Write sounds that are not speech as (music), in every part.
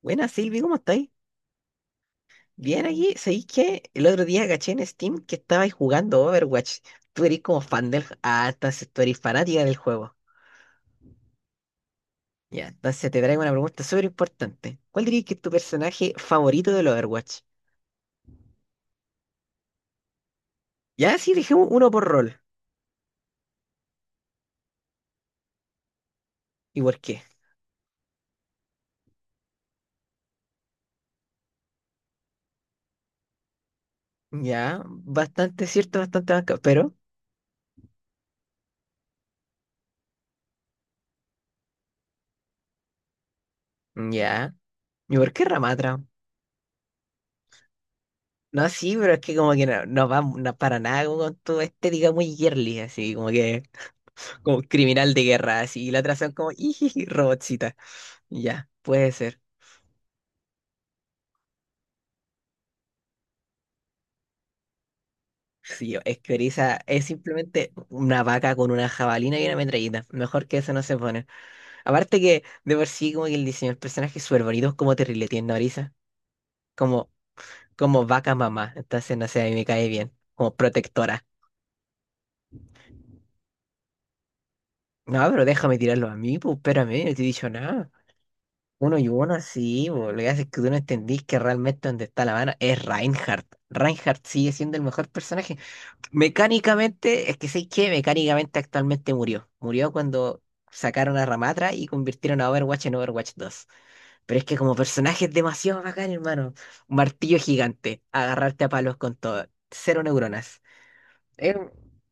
Buenas, Silvi, ¿cómo estáis? Bien aquí, ¿sabéis que el otro día caché en Steam que estabais jugando Overwatch? Tú eres como fan del... Ah, entonces tú eres fanática del juego. Ya, entonces te traigo una pregunta súper importante. ¿Cuál dirías que es tu personaje favorito del Overwatch? Ya, sí, dejemos uno por rol. ¿Y por qué? Ya, bastante cierto, bastante banca, pero... Ya. ¿Y por qué Ramatra? No, sí, pero es que como que no, no va no para nada como con tu estética muy girly, así como que... como criminal de guerra, así, y la otra son como, ¡ijiji! Robotcita. Ya, puede ser. Sí, es que Orisa es simplemente una vaca con una jabalina y una metralleta. Mejor que eso no se pone. Aparte que, de por sí, como que el diseño del personaje es súper bonito, es como terrible tiene Orisa. Como, como vaca mamá. Entonces, no sé, a mí me cae bien. Como protectora. No, pero déjame tirarlo a mí, pues, espérame, no te he dicho nada. Uno y uno, sí, bo. Lo que hace es que tú no entendís que realmente donde está la mano es Reinhardt. Reinhardt sigue siendo el mejor personaje. Mecánicamente, es que sé que mecánicamente actualmente murió. Murió cuando sacaron a Ramatra y convirtieron a Overwatch en Overwatch 2. Pero es que como personaje es demasiado bacán, hermano. Un martillo gigante, agarrarte a palos con todo. Cero neuronas. Es,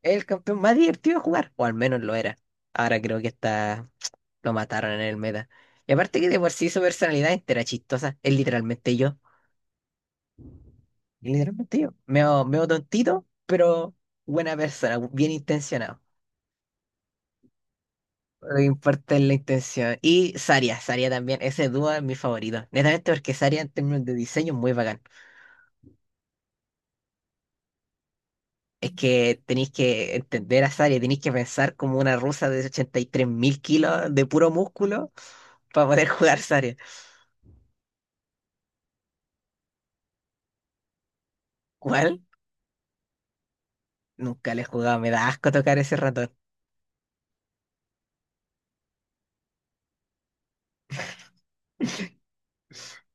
es el campeón más divertido de jugar, o al menos lo era. Ahora creo que está, lo mataron en el meta. Y aparte que de por sí su personalidad entera chistosa. Es literalmente yo. Literalmente yo. Meo, meo tontito, pero buena persona, bien intencionado. No importa la intención. Y Saria, Saria también. Ese dúo es mi favorito. Netamente porque Saria en términos de diseño es muy bacán. Es que tenéis que entender a Saria, tenéis que pensar como una rusa de 83.000 kilos de puro músculo para poder (laughs) jugar Saria. ¿Cuál? Nunca le he jugado, me da asco tocar ese ratón.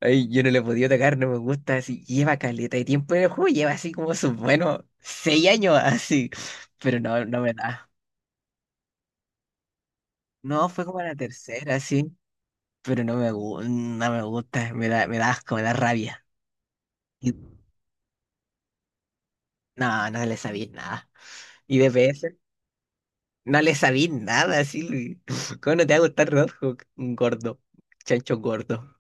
Ay, yo no le he podido tocar, no me gusta. Así lleva caleta de tiempo en el juego, lleva así como sus buenos 6 años (laughs) así. Pero no, no me da. No, fue como la tercera, sí. Pero no me, no me gusta, me da asco, me da rabia. Y no, no le sabía nada. Y DPS, no le sabía nada, Silvi. (laughs) ¿Cómo no te va a gustar Roadhog? Un gordo, chancho gordo.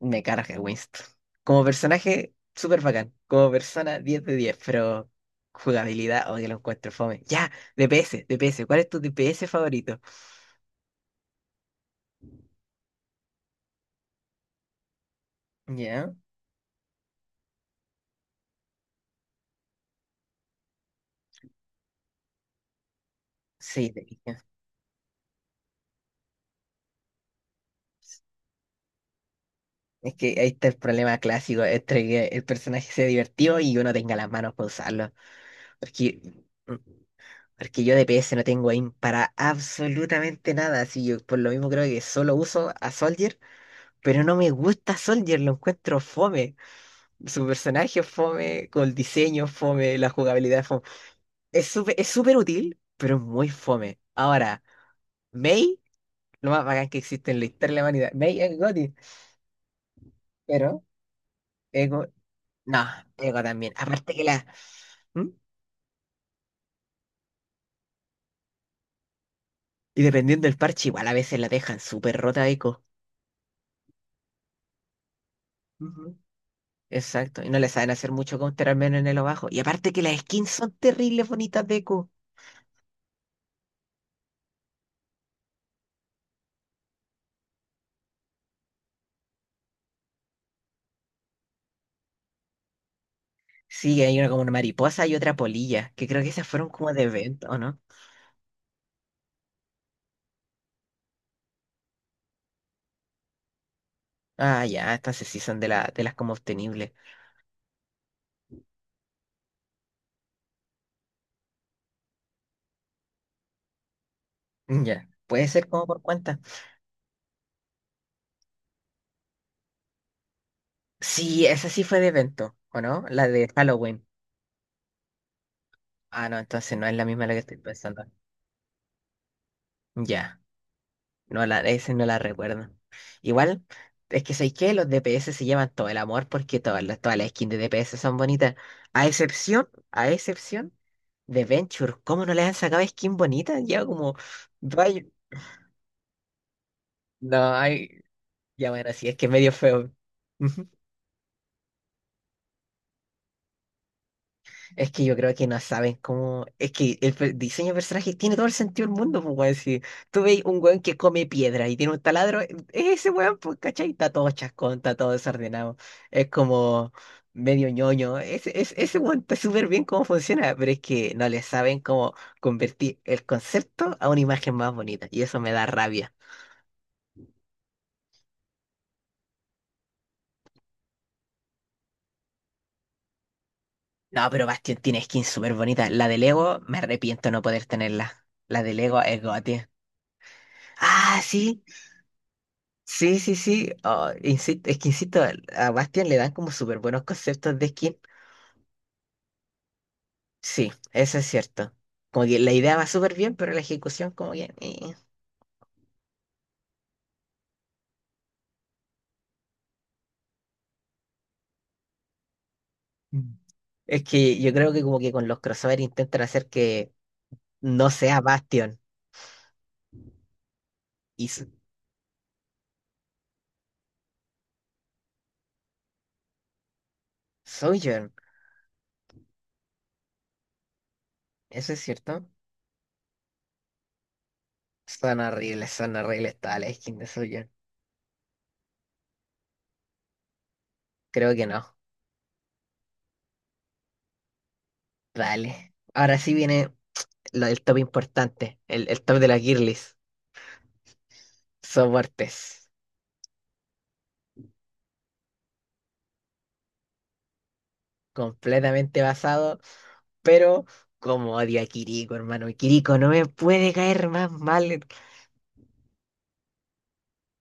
Me carga Winston. Como personaje, súper bacán. Como persona, 10 de 10, pero jugabilidad, o que lo encuentro fome. Ya, DPS, DPS, ¿cuál es tu DPS favorito? Ya, sí, DPS. Es que ahí está el problema clásico, entre que el personaje sea divertido y uno tenga las manos para usarlo. Es que, es que yo de PS no tengo aim para absolutamente nada, así yo por lo mismo creo que solo uso a Soldier, pero no me gusta Soldier, lo encuentro fome. Su personaje es fome, con el diseño es fome, la jugabilidad es fome. Es súper útil, pero es muy fome. Ahora, Mei, lo más bacán que existe en la historia de la humanidad. Mei es Gotti, pero Ego, no, Ego también. Aparte que la... ¿Mm? Y dependiendo del parche, igual a veces la dejan súper rota Echo. Ujú. Exacto, y no le saben hacer mucho counter al menos en el bajo. Y aparte que las skins son terribles bonitas de Q. Sí, hay una como una mariposa y otra polilla, que creo que esas fueron como de evento, ¿o no? Ah, ya, estas sí son de, la, de las como obtenibles. Mm, ya, puede ser como por cuenta. Sí, esa sí fue de evento, ¿o no? La de Halloween. Ah, no, entonces no es la misma la que estoy pensando. Ya. Ese no la recuerdo. Igual, es que ¿sabéis qué? Los DPS se llevan todo el amor porque todas las skins de DPS son bonitas. A excepción de Venture. ¿Cómo no le han sacado skin bonita? Ya como. 2 años- No, hay. Ya bueno, sí, es que es medio feo. Es que yo creo que no saben cómo. Es que el diseño de personajes tiene todo el sentido del mundo, pues, weón. Si tú veis un weón que come piedra y tiene un taladro, es ese weón, pues, ¿cachai? Está todo chascón, está todo desordenado. Es como medio ñoño. Ese weón está súper bien cómo funciona, pero es que no le saben cómo convertir el concepto a una imagen más bonita. Y eso me da rabia. No, pero Bastion tiene skins súper bonitas. La de Lego, me arrepiento no poder tenerla. La de Lego es gote. Ah, sí. Sí, sí, sí. Ah, es que insisto, a Bastian le dan como súper buenos conceptos de skin. Sí, eso es cierto. Como que la idea va súper bien, pero la ejecución como que... Mm. Es que yo creo que como que con los crossover intentan hacer que no sea Bastion y Sojourn. ¿Eso es cierto? Son horribles todas las skins de Sojourn. Creo que no. Dale. Ahora sí viene lo del top importante, el top de las girlies. Soportes. Completamente basado. Pero como odio a Kiriko, hermano. Kiriko no me puede caer más mal.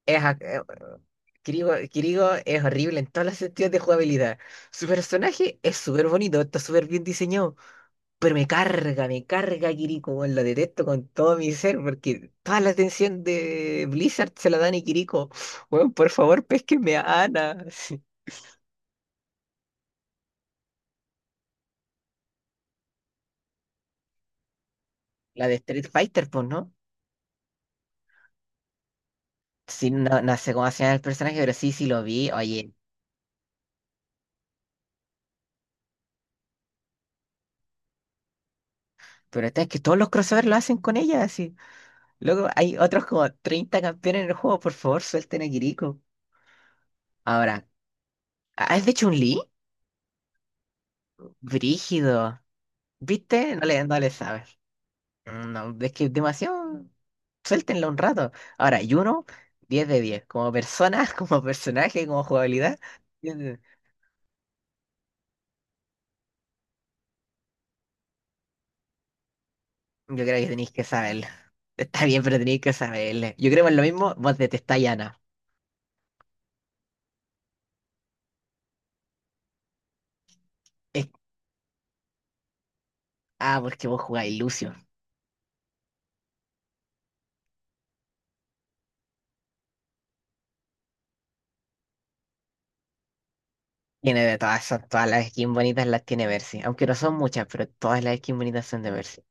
Es, a- eh, Kiriko es horrible en todos los sentidos de jugabilidad. Su personaje es súper bonito, está súper bien diseñado. Pero me carga Kiriko, weón. Lo detesto con todo mi ser porque toda la atención de Blizzard se la dan a Kiriko. Weón, por favor, pésquenme a Ana. (laughs) La de Street Fighter, pues, ¿no? Sí, no, no sé cómo se llama el personaje, pero sí, sí lo vi. Oye. Pero esta es que todos los crossovers lo hacen con ella, así. Luego hay otros como 30 campeones en el juego, por favor, suelten a Kiriko. Ahora, ¿has de Chun-Li? Brígido. ¿Viste? No le sabes. No, es que demasiado. Suéltenlo un rato. Ahora, Yuno, 10 de 10 como persona, (laughs) como personaje, como jugabilidad, 10 . Yo creo que tenéis que saberlo. Está bien, pero tenéis que saberle. Yo creo que es lo mismo, vos detestáis a Ana. Es- ah, porque vos jugáis Lucio. Tiene de todas esas, todas las skins bonitas las tiene Mercy. Aunque no son muchas, pero todas las skins bonitas son de Mercy.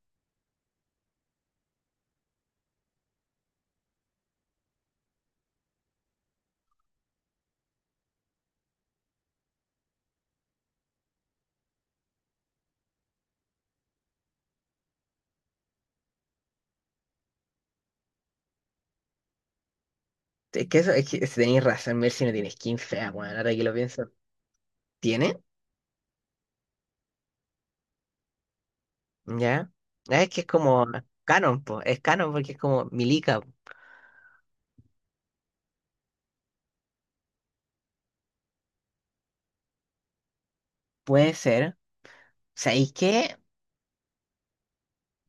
Es que eso, es que si tenéis razón, Mercy no tiene skin fea, weón, ahora que lo pienso. ¿Tiene? ¿Ya? Ah, es que es como canon, po. Es canon porque es como Milica. Puede ser. ¿Sabéis qué?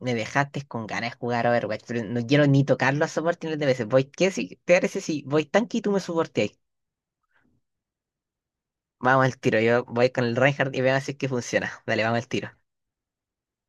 Me dejaste con ganas de jugar Overwatch, pero no quiero ni tocarlo a soporte de veces. Voy, ¿qué si te parece si voy tanque y tú me soporteáis? Vamos al tiro, yo voy con el Reinhardt y veamos si es que funciona. Dale, vamos al tiro.